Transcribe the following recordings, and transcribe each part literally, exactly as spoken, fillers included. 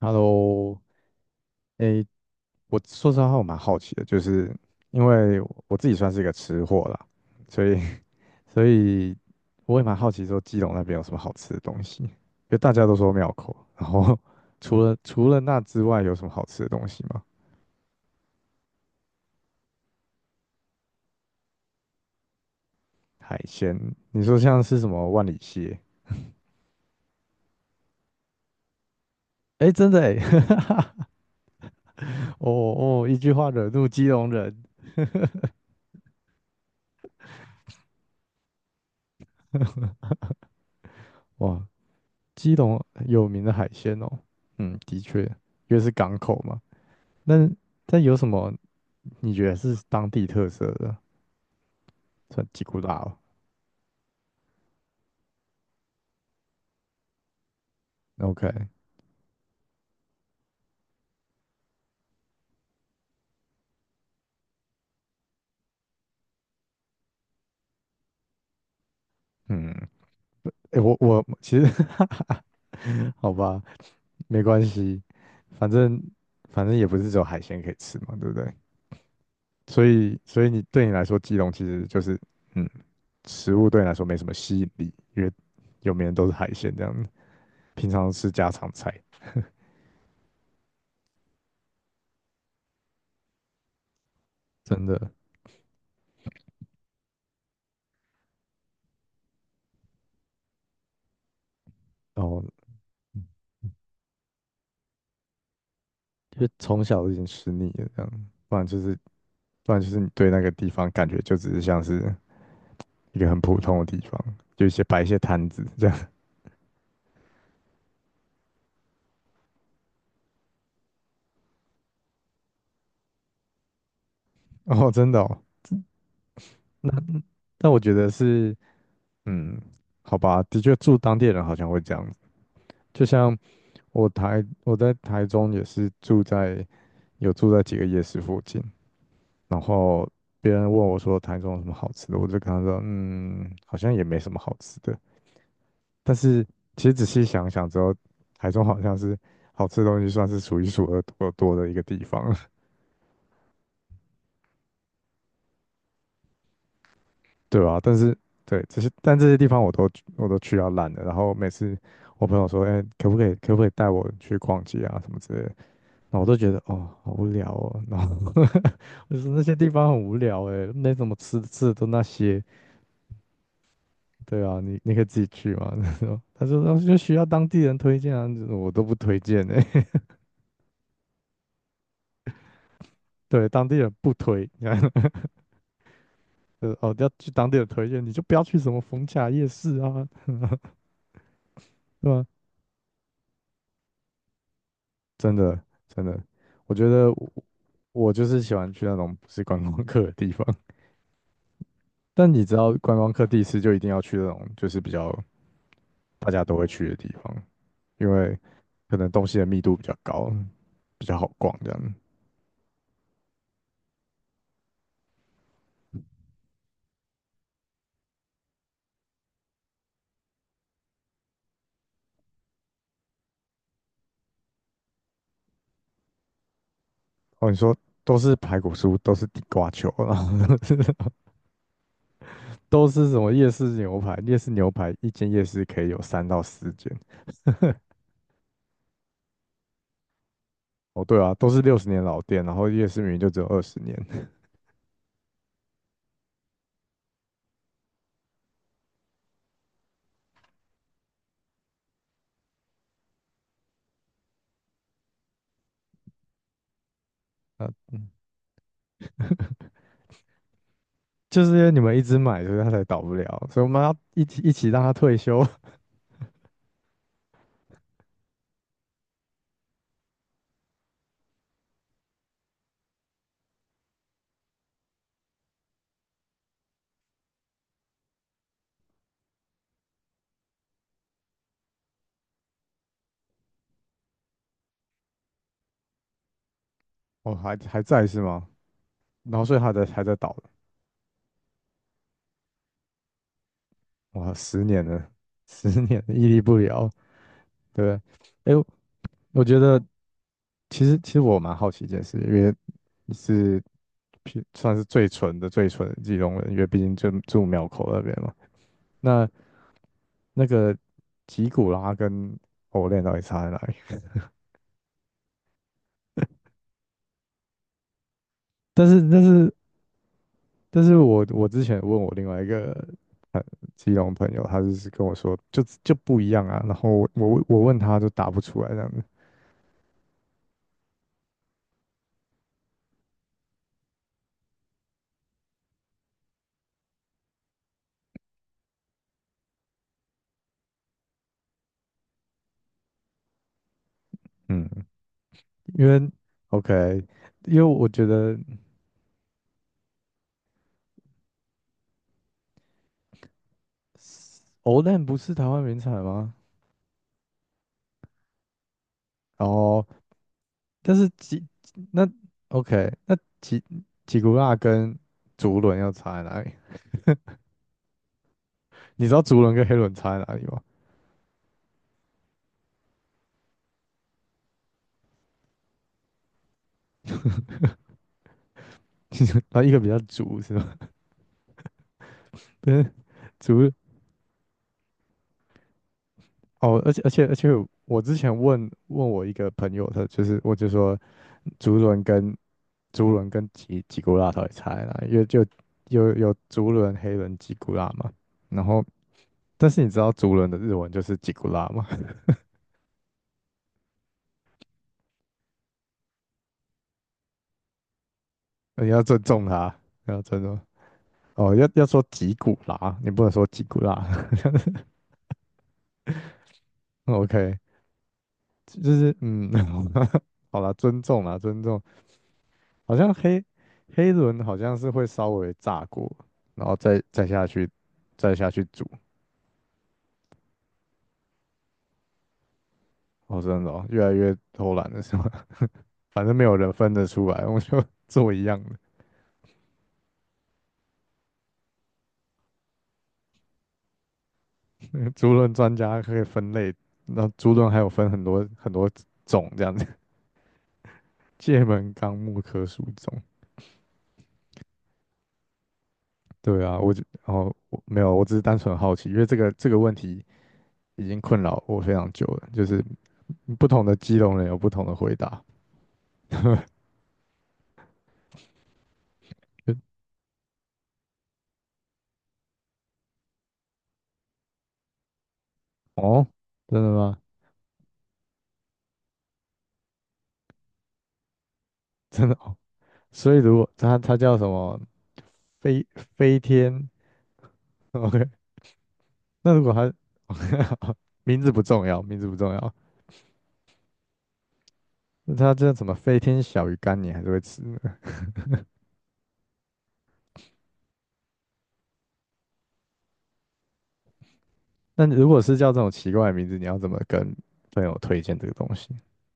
Hello，诶，我说实话，我蛮好奇的，就是因为我自己算是一个吃货啦，所以 所以我也蛮好奇说基隆那边有什么好吃的东西，因为大家都说庙口，然后 除了除了那之外，有什么好吃的东西吗？海鲜，你说像是什么万里蟹？诶，真的诶，哦哦，一句话惹怒基隆人，哇，基隆有名的海鲜哦，嗯，的确，因为是港口嘛。那那有什么你觉得是当地特色的？算吉古拉哦，OK，嗯，诶，我我其实 好吧，没关系，反正反正也不是只有海鲜可以吃嘛，对不对？所以所以你对你来说，基隆其实就是嗯，食物对你来说没什么吸引力，因为有名的都是海鲜这样子，平常吃家常菜，真的，哦，因为从小就已经吃腻了这样，不然就是不然就是你对那个地方感觉就只是像是。一个很普通的地方，就一些摆一些摊子这样。哦，真的哦，那那我觉得是，嗯，好吧，的确住当地人好像会这样子。就像我台我在台中也是住在有住在几个夜市附近，然后别人问我说台中有什么好吃的，我就跟他说，嗯，好像也没什么好吃的。但是其实仔细想想之后，台中好像是好吃的东西算是数一数二多多的一个地方。对吧？但是对这些，但这些地方我都我都去到烂了。然后每次我朋友说：“哎、可不可以可不可以带我去逛街啊什么之类的？”那我都觉得哦，好无聊哦。然后 就是那些地方很无聊哎，没怎么吃的吃的都那些。对啊，你你可以自己去嘛。他说他说哦就需要当地人推荐啊，我都不推荐哎。对，当地人不推，你看，呃哦要去当地人推荐，你就不要去什么逢甲夜市啊，对吧、真的真的，我觉得我我就是喜欢去那种不是观光客的地方。但你知道，观光客第一次就一定要去那种就是比较大家都会去的地方，因为可能东西的密度比较高，比较好逛这样。哦，你说都是排骨酥，都是地瓜球啊，然后 都是什么夜市牛排？夜市牛排一间夜市可以有三到四间，哦，对啊，都是六十年老店，然后夜市明明就只有二十年，啊，嗯就是因为你们一直买，所以它才倒不了，所以我们要一起一起让它退休。哦，还还在是吗？然后所以它在还在倒，哇，十年了，十年了屹立不了，对不对？哎，我觉得其实其实我蛮好奇一件事，因为你是算是最纯的最纯的基隆人，因为毕竟就住庙口那边嘛。那那个吉古拉跟欧 l e 到底差在哪里？但是但是但是我我之前问我另外一个基隆朋友，他就是跟我说就就不一样啊，然后我我我问他就答不出来这样子，嗯，因为 OK，因为我觉得 o l n 不是台湾名产吗？哦，但是吉那 OK，那吉吉古拉跟竹轮要差在哪里？你知道竹轮跟黑轮差在哪里吗？然后一个比较足是吗？不是足哦，而且而且而且，我之前问问我一个朋友，他就是我就说竹轮跟竹轮跟吉吉古拉到底差在哪里因为就有有竹轮、黑轮、吉古拉嘛。然后，但是你知道竹轮的日文就是吉古拉吗？你要尊重他，你要尊重。哦，要要说吉古拉，你不能说吉古拉。OK，就是嗯，好啦，尊重啦，尊重。好像黑黑轮好像是会稍微炸过，然后再再下去，再下去煮。哦，真的哦，越来越偷懒了是吗？反正没有人分得出来，我就 做一样的。那个猪轮专家可以分类，那猪轮还有分很多很多种这样子，界门纲目科属种。对啊，我就哦我没有，我只是单纯好奇，因为这个这个问题已经困扰我非常久了，就是不同的基隆人有不同的回答。哦，真的吗？真的哦所以如果它它叫什么飞飞天 ，OK，那如果它 名字不重要，名字不重要，那它叫什么飞天小鱼干，你还是会吃的。那如果是叫这种奇怪的名字，你要怎么跟朋友推荐这个东西？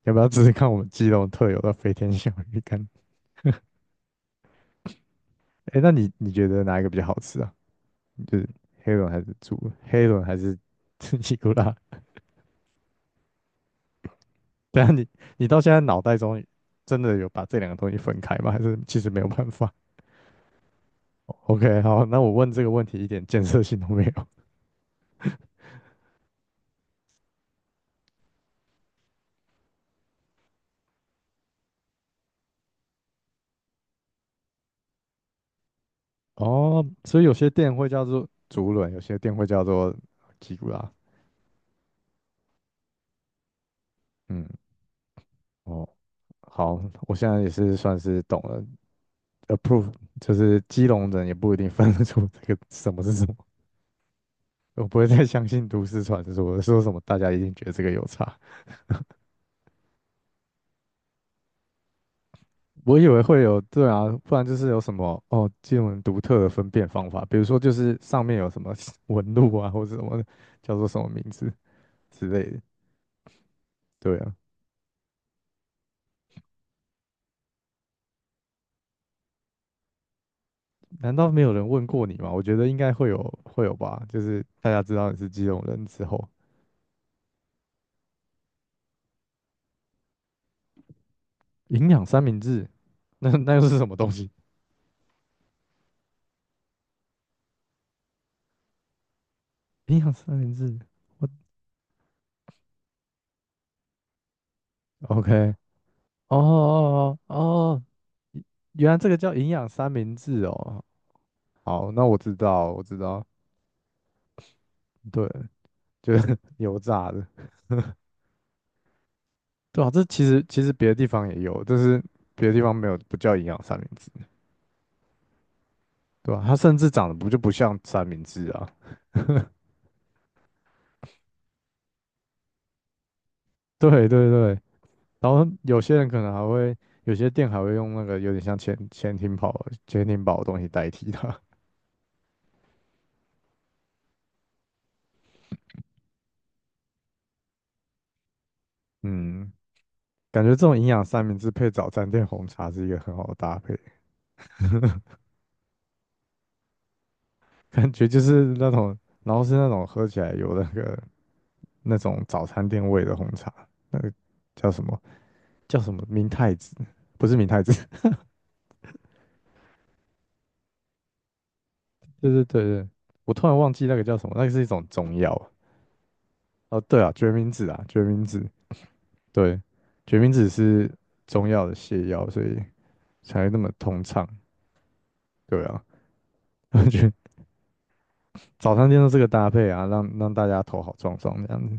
要不要试试看我们基隆特有的飞天小鱼干？哎，那你你觉得哪一个比较好吃啊？就是黑轮还是猪？黑轮还是 尼古拉？等一下你你到现在脑袋中真的有把这两个东西分开吗？还是其实没有办法？OK，好，那我问这个问题一点建设性都没有。哦，所以有些店会叫做竹轮，有些店会叫做吉古拉。嗯，哦，好，我现在也是算是懂了。Approve 就是基隆人也不一定分得出这个什么是什么，我不会再相信都市传说说什么大家一定觉得这个有差。我以为会有，对啊，不然就是有什么哦，基隆人独特的分辨方法，比如说就是上面有什么 纹路啊，或者什么叫做什么名字之类的。对啊。难道没有人问过你吗？我觉得应该会有，会有吧。就是大家知道你是基隆人之后，营养三明治，那那又是什么东西？营养三明治，我 OK，哦哦哦哦，原来这个叫营养三明治哦。好，那我知道，我知道，对，就是 油炸的，对啊，这其实其实别的地方也有，就是别的地方没有，不叫营养三明治，对吧、它甚至长得不就不像三明治啊？对对对，然后有些人可能还会，有些店还会用那个有点像潜潜艇堡潜艇堡的东西代替它。嗯，感觉这种营养三明治配早餐店红茶是一个很好的搭配，感觉就是那种，然后是那种喝起来有那个那种早餐店味的红茶，那个叫什么叫什么明太子，不是明太子，对对对对，我突然忘记那个叫什么，那个是一种中药。哦，对啊，决明子啊，决明子，对，决明子是中药的泻药，所以。才那么通畅。对啊，我觉得早餐店都这个搭配啊，让让大家头好撞撞这样子。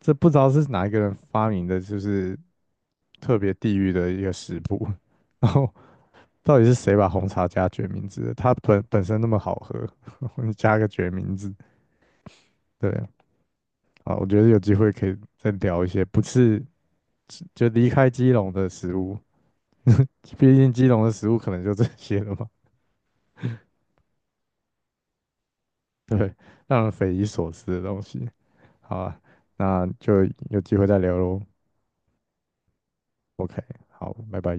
这不知道是哪一个人发明的，就是特别地狱的一个食谱。然后到底是谁把红茶加决明子的它本本身那么好喝，你加个决明子，对啊。好我觉得有机会可以再聊一些不是就离开基隆的食物，毕竟基隆的食物可能就这些了嘛。对，让人匪夷所思的东西。好啊，那就有机会再聊喽。OK，好，拜拜。